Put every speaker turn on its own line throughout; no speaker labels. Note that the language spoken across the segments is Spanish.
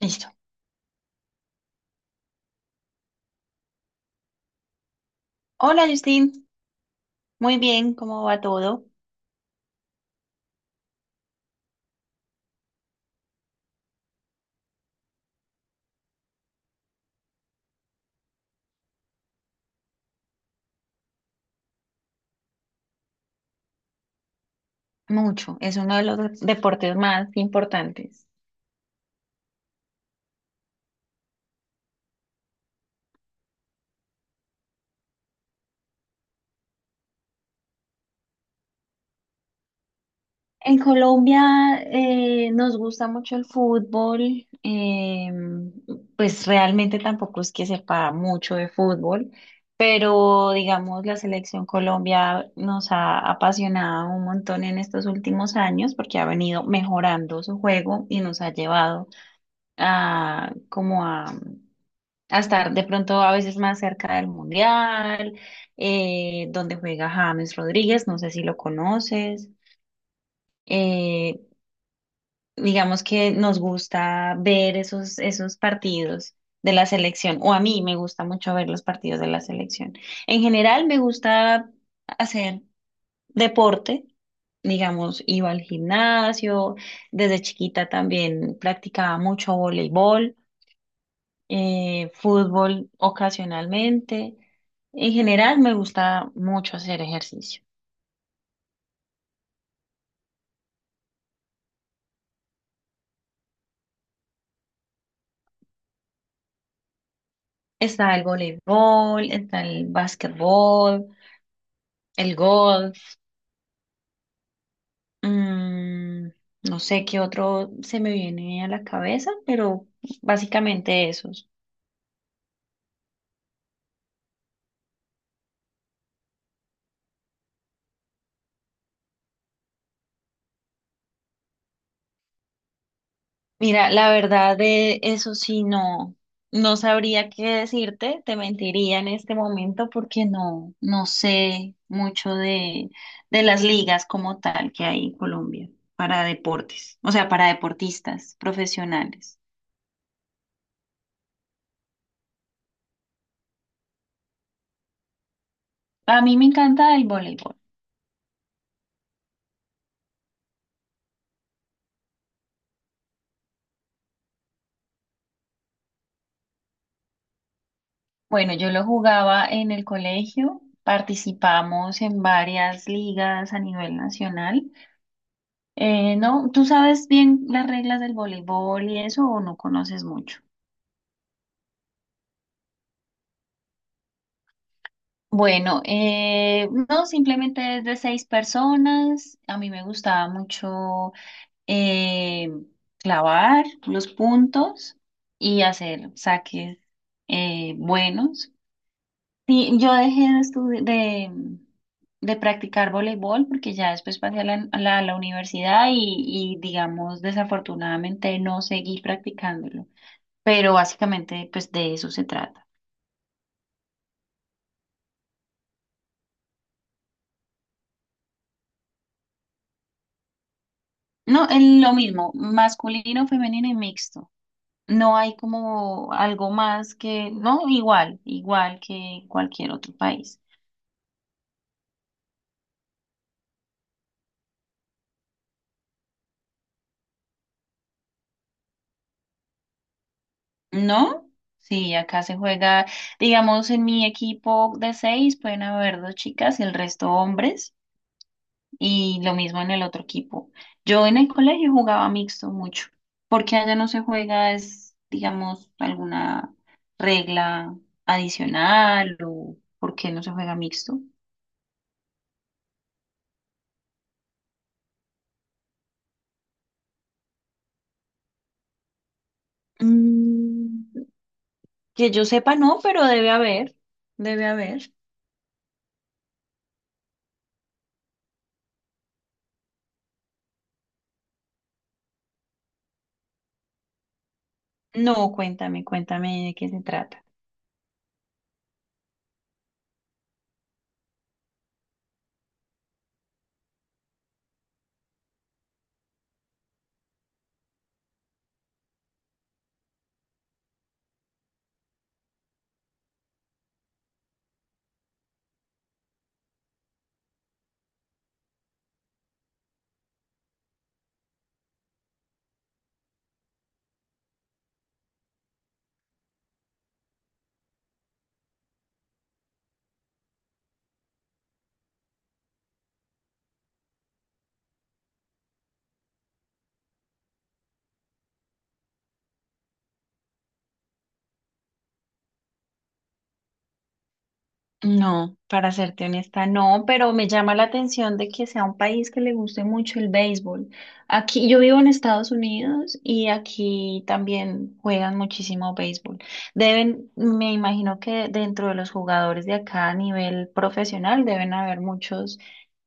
Listo. Hola, Justin. Muy bien, ¿cómo va todo? Mucho. Es uno de los deportes más importantes. En Colombia nos gusta mucho el fútbol. Pues realmente tampoco es que sepa mucho de fútbol, pero digamos la selección Colombia nos ha apasionado un montón en estos últimos años porque ha venido mejorando su juego y nos ha llevado a como a estar de pronto a veces más cerca del Mundial, donde juega James Rodríguez, no sé si lo conoces. Eh, digamos que nos gusta ver esos partidos de la selección, o a mí me gusta mucho ver los partidos de la selección. En general me gusta hacer deporte. Digamos, iba al gimnasio, desde chiquita también practicaba mucho voleibol. Fútbol ocasionalmente. En general me gusta mucho hacer ejercicio. Está el voleibol, está el básquetbol, el golf, mm, no sé qué otro se me viene a la cabeza, pero básicamente esos. Mira, la verdad de eso sí no, no sabría qué decirte, te mentiría en este momento porque no, no sé mucho de las ligas como tal que hay en Colombia para deportes, o sea, para deportistas profesionales. A mí me encanta el voleibol. Bueno, yo lo jugaba en el colegio, participamos en varias ligas a nivel nacional. No, ¿tú sabes bien las reglas del voleibol y eso o no conoces mucho? Bueno, no, simplemente es de seis personas. A mí me gustaba mucho eh, clavar los puntos y hacer saques buenos. Sí, yo dejé de, estudi- de practicar voleibol porque ya después pasé a la universidad y, digamos, desafortunadamente no seguí practicándolo. Pero básicamente, pues de eso se trata. No, es lo mismo, masculino, femenino y mixto. No hay como algo más que, no, igual, igual que en cualquier otro país. ¿No? Sí, acá se juega, digamos, en mi equipo de seis pueden haber dos chicas y el resto hombres, y lo mismo en el otro equipo. Yo en el colegio jugaba mixto mucho, porque allá no se juega, es, digamos, alguna regla adicional o por qué no se juega mixto. Mm, que yo sepa, no, pero debe haber, debe haber. No, cuéntame, cuéntame de qué se trata. No, para serte honesta, no, pero me llama la atención de que sea un país que le guste mucho el béisbol. Aquí yo vivo en Estados Unidos y aquí también juegan muchísimo béisbol. Deben, me imagino que dentro de los jugadores de acá a nivel profesional deben haber muchos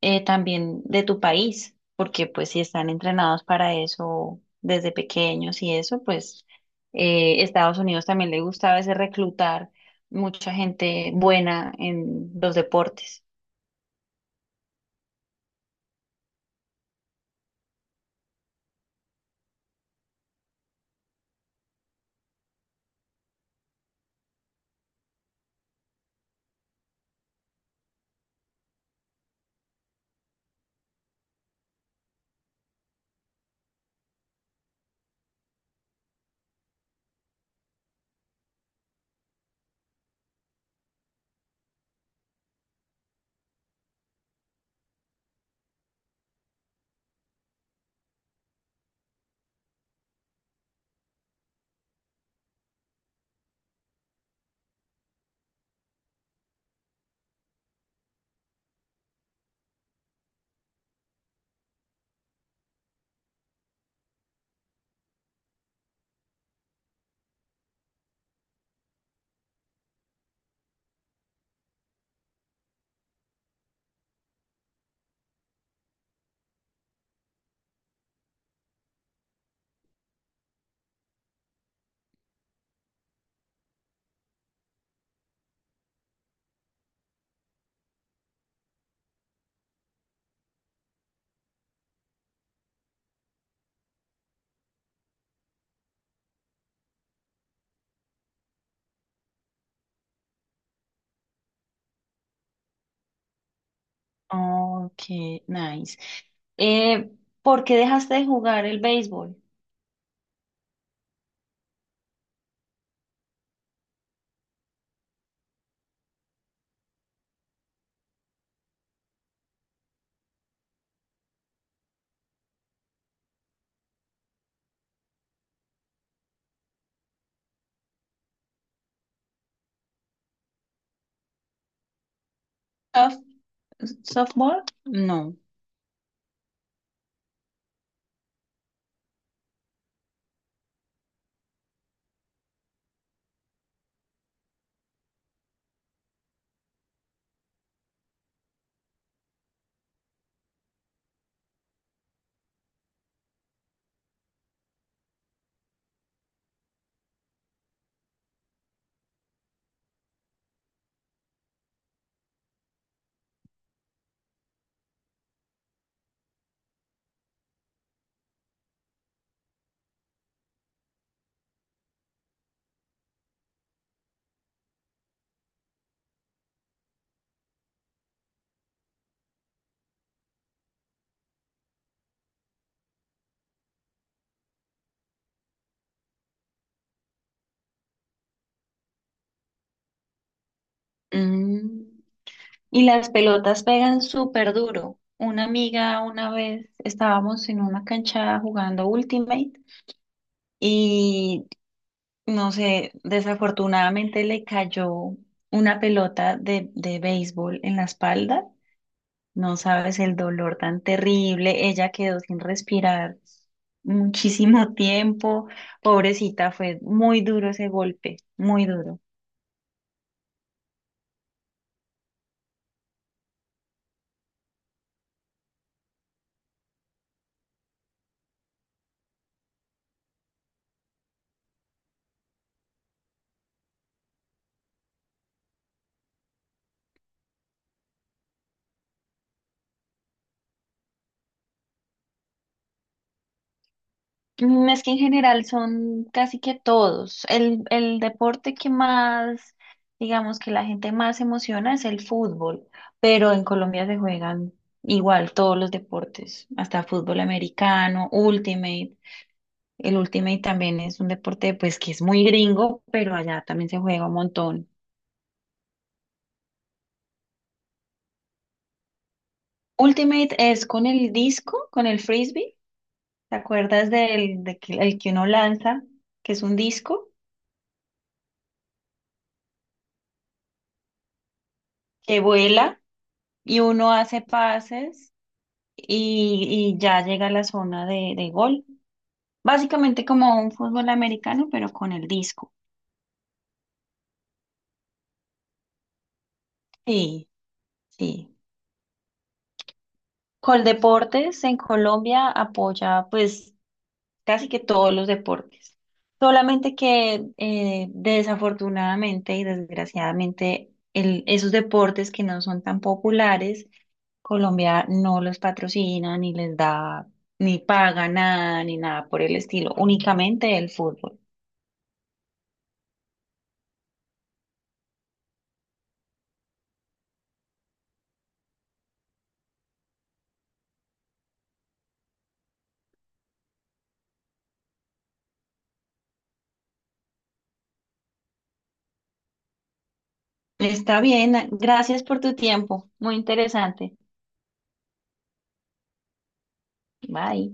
también de tu país, porque pues si están entrenados para eso desde pequeños y eso, pues Estados Unidos también le gusta a veces reclutar mucha gente buena en los deportes. Ok, nice. Eh, ¿Por qué dejaste de jugar el béisbol? ¿Soft- Softball? No. Mm, Y las pelotas pegan súper duro. Una amiga una vez estábamos en una cancha jugando Ultimate y no sé, desafortunadamente le cayó una pelota de béisbol en la espalda. No sabes el dolor tan terrible. Ella quedó sin respirar muchísimo tiempo. Pobrecita, fue muy duro ese golpe, muy duro. Es que en general son casi que todos. El deporte que más, digamos que la gente más se emociona es el fútbol, pero en Colombia se juegan igual todos los deportes, hasta fútbol americano, ultimate. El ultimate también es un deporte pues que es muy gringo, pero allá también se juega un montón. Ultimate es con el disco, con el frisbee. ¿Te acuerdas del de que, el que uno lanza, que es un disco que vuela y uno hace pases y ya llega a la zona de gol? Básicamente como un fútbol americano, pero con el disco. Sí, sí. Coldeportes en Colombia apoya pues casi que todos los deportes. Solamente que desafortunadamente y desgraciadamente esos deportes que no son tan populares, Colombia no los patrocina, ni les da, ni paga nada, ni nada por el estilo, únicamente el fútbol. Está bien, gracias por tu tiempo, muy interesante. Bye.